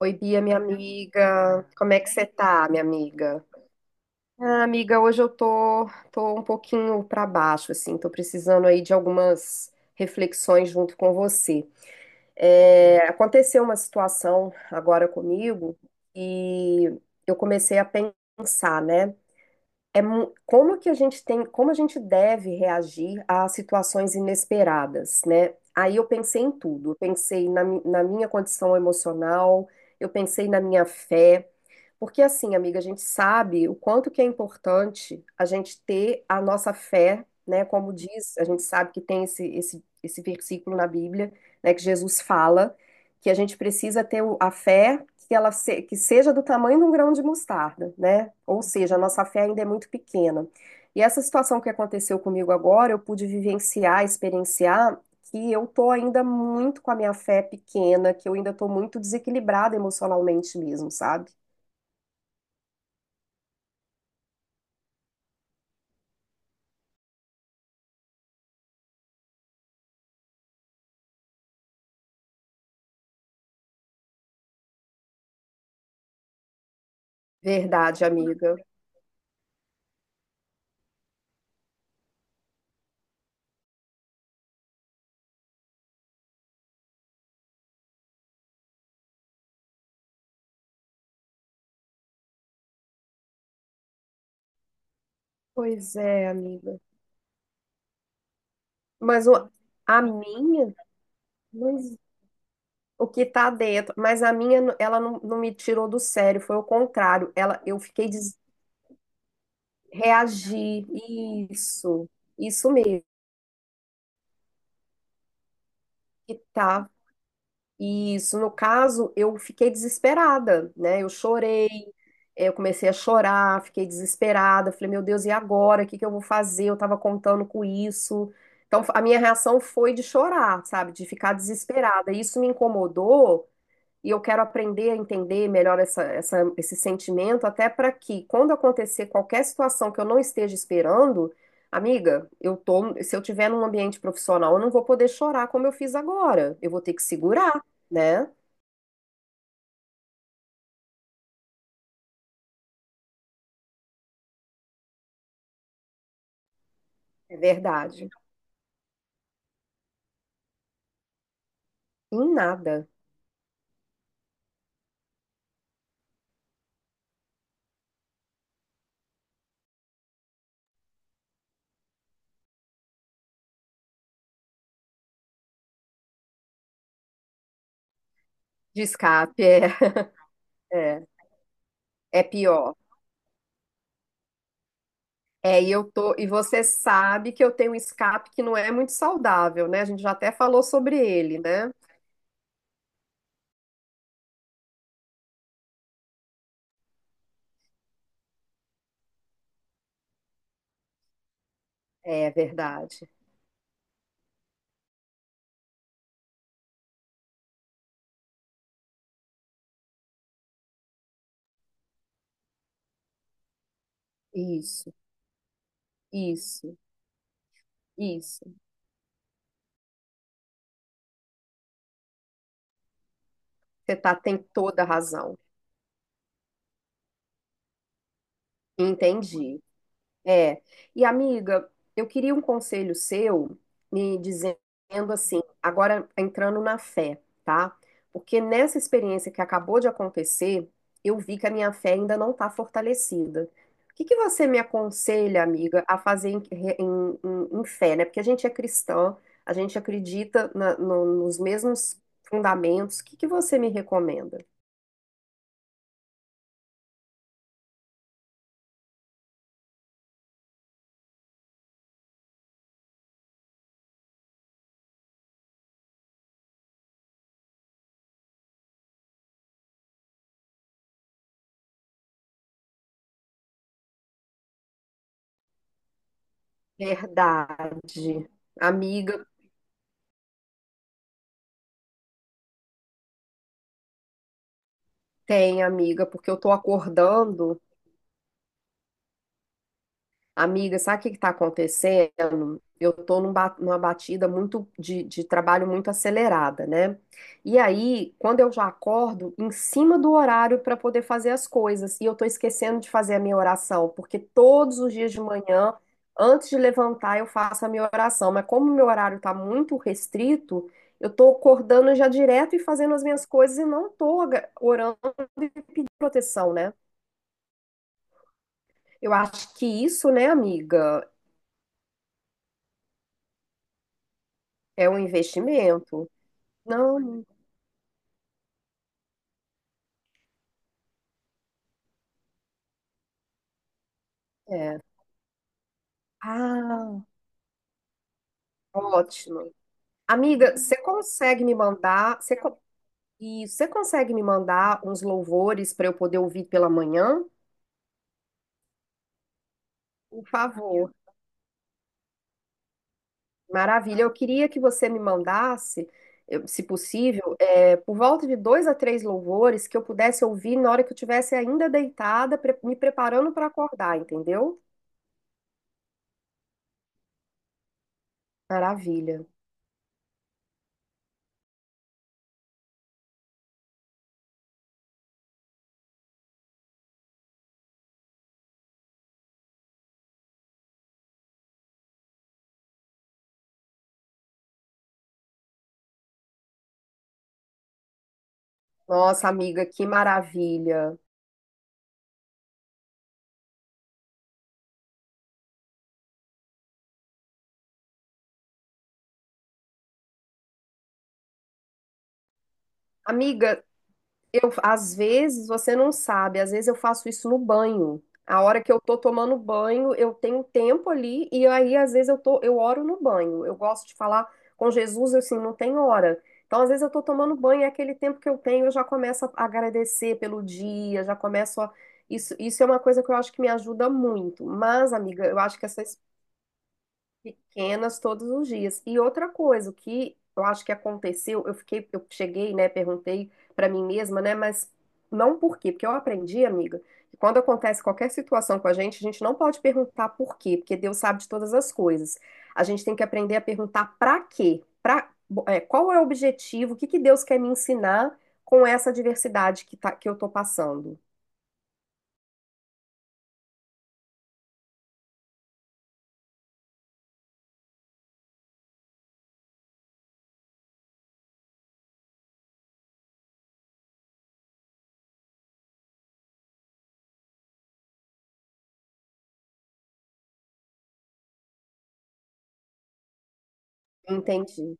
Oi, Bia, minha amiga. Como é que você tá, minha amiga? Ah, amiga, hoje eu tô um pouquinho pra baixo, assim, tô precisando aí de algumas reflexões junto com você. É, aconteceu uma situação agora comigo e eu comecei a pensar, né? Como que a gente tem, como a gente deve reagir a situações inesperadas, né? Aí eu pensei em tudo, eu pensei na minha condição emocional, eu pensei na minha fé. Porque assim, amiga, a gente sabe o quanto que é importante a gente ter a nossa fé, né? Como diz, a gente sabe que tem esse versículo na Bíblia, né? Que Jesus fala que a gente precisa ter a fé, que ela se- que seja do tamanho de um grão de mostarda, né? Ou seja, a nossa fé ainda é muito pequena. E essa situação que aconteceu comigo agora, eu pude vivenciar, experienciar que eu tô ainda muito com a minha fé pequena, que eu ainda tô muito desequilibrada emocionalmente mesmo, sabe? Verdade, amiga. Pois é, amiga. Mas o, a minha, mas o que tá dentro, mas ela não me tirou do sério, foi o contrário. Ela, eu fiquei des... reagir. Isso, isso mesmo. Que tá Isso, no caso, eu fiquei desesperada, né? Eu chorei, eu comecei a chorar, fiquei desesperada. Falei, meu Deus, e agora? O que que eu vou fazer? Eu tava contando com isso. Então, a minha reação foi de chorar, sabe? De ficar desesperada. Isso me incomodou e eu quero aprender a entender melhor esse sentimento, até para que, quando acontecer qualquer situação que eu não esteja esperando, amiga, eu tô, se eu tiver num ambiente profissional, eu não vou poder chorar como eu fiz agora. Eu vou ter que segurar, né? É verdade. Em nada. De escape, é, é, é pior. É, e eu tô, e você sabe que eu tenho um escape que não é muito saudável, né? A gente já até falou sobre ele, né? É verdade. Isso, isso, isso. Você tá, tem toda a razão. Entendi. É. E amiga, eu queria um conselho seu me dizendo assim, agora entrando na fé, tá? Porque nessa experiência que acabou de acontecer, eu vi que a minha fé ainda não está fortalecida. O que que você me aconselha, amiga, a fazer em fé, né? Porque a gente é cristã, a gente acredita nos mesmos fundamentos. O que que você me recomenda? Verdade. Amiga, tem, amiga, porque eu tô acordando. Amiga, sabe o que que tá acontecendo? Eu tô numa batida muito de trabalho muito acelerada, né? E aí, quando eu já acordo, em cima do horário para poder fazer as coisas, e eu tô esquecendo de fazer a minha oração, porque todos os dias de manhã, antes de levantar, eu faço a minha oração, mas como o meu horário tá muito restrito, eu tô acordando já direto e fazendo as minhas coisas e não orando e pedindo proteção, né? Eu acho que isso, né, amiga, é um investimento. Não é. Ah, ótimo. Amiga, você consegue me mandar, isso, você consegue me mandar uns louvores para eu poder ouvir pela manhã? Por favor. Maravilha. Eu queria que você me mandasse, eu- se possível, é, por volta de 2 a 3 louvores que eu pudesse ouvir na hora que eu estivesse ainda deitada, me preparando para acordar, entendeu? Maravilha. Nossa, amiga, que maravilha. Amiga, eu às vezes você não sabe, às vezes eu faço isso no banho. A hora que eu tô tomando banho, eu tenho tempo ali e aí às vezes eu tô, eu oro no banho. Eu gosto de falar com Jesus, assim, não tem hora. Então, às vezes eu tô tomando banho, é aquele tempo que eu tenho, eu já começo a agradecer pelo dia, já começo a isso, isso é uma coisa que eu acho que me ajuda muito. Mas, amiga, eu acho que essa pequenas todos os dias. E outra coisa, o que eu acho que aconteceu, eu fiquei, eu cheguei, né, perguntei pra mim mesma, né, mas não por quê, porque eu aprendi, amiga, que quando acontece qualquer situação com a gente não pode perguntar por quê, porque Deus sabe de todas as coisas. A gente tem que aprender a perguntar pra quê, pra, é, qual é o objetivo, o que que Deus quer me ensinar com essa adversidade que tá, que eu tô passando. Entendi.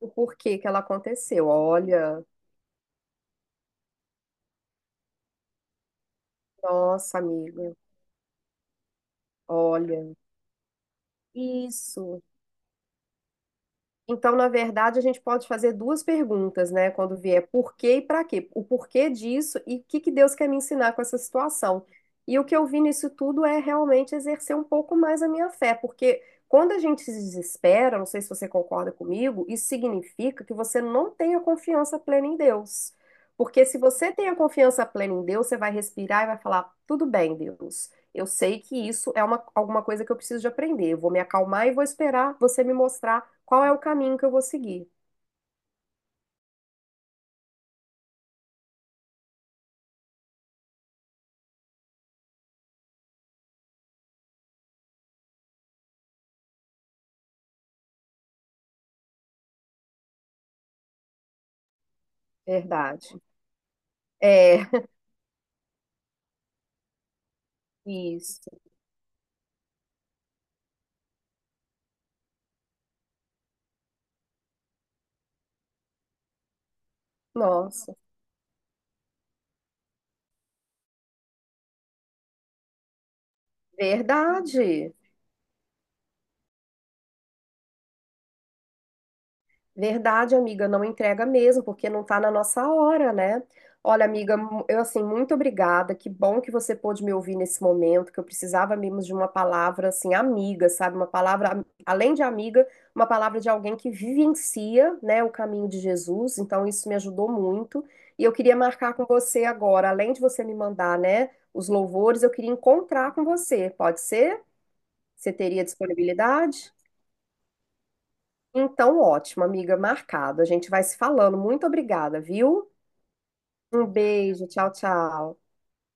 O porquê que ela aconteceu. Olha, nossa, amiga, olha. Isso. Então, na verdade, a gente pode fazer duas perguntas, né? Quando vier por quê e para quê. O porquê disso e o que que Deus quer me ensinar com essa situação. E o que eu vi nisso tudo é realmente exercer um pouco mais a minha fé, porque quando a gente se desespera, não sei se você concorda comigo, isso significa que você não tem a confiança plena em Deus. Porque se você tem a confiança plena em Deus, você vai respirar e vai falar: tudo bem, Deus. Eu sei que isso é uma, alguma coisa que eu preciso de aprender. Eu vou me acalmar e vou esperar você me mostrar qual é o caminho que eu vou seguir. Verdade. É, isso. Nossa, verdade. Verdade, amiga, não entrega mesmo, porque não tá na nossa hora, né? Olha, amiga, mu- eu assim, muito obrigada. Que bom que você pôde me ouvir nesse momento, que eu precisava mesmo de uma palavra assim, amiga, sabe? Uma palavra, am- além de amiga, uma palavra de alguém que vivencia, né, o caminho de Jesus. Então, isso me ajudou muito. E eu queria marcar com você agora, além de você me mandar, né, os louvores, eu queria encontrar com você. Pode ser? Você teria disponibilidade? Então, ótimo, amiga, marcado. A gente vai se falando. Muito obrigada, viu? Um beijo, tchau, tchau.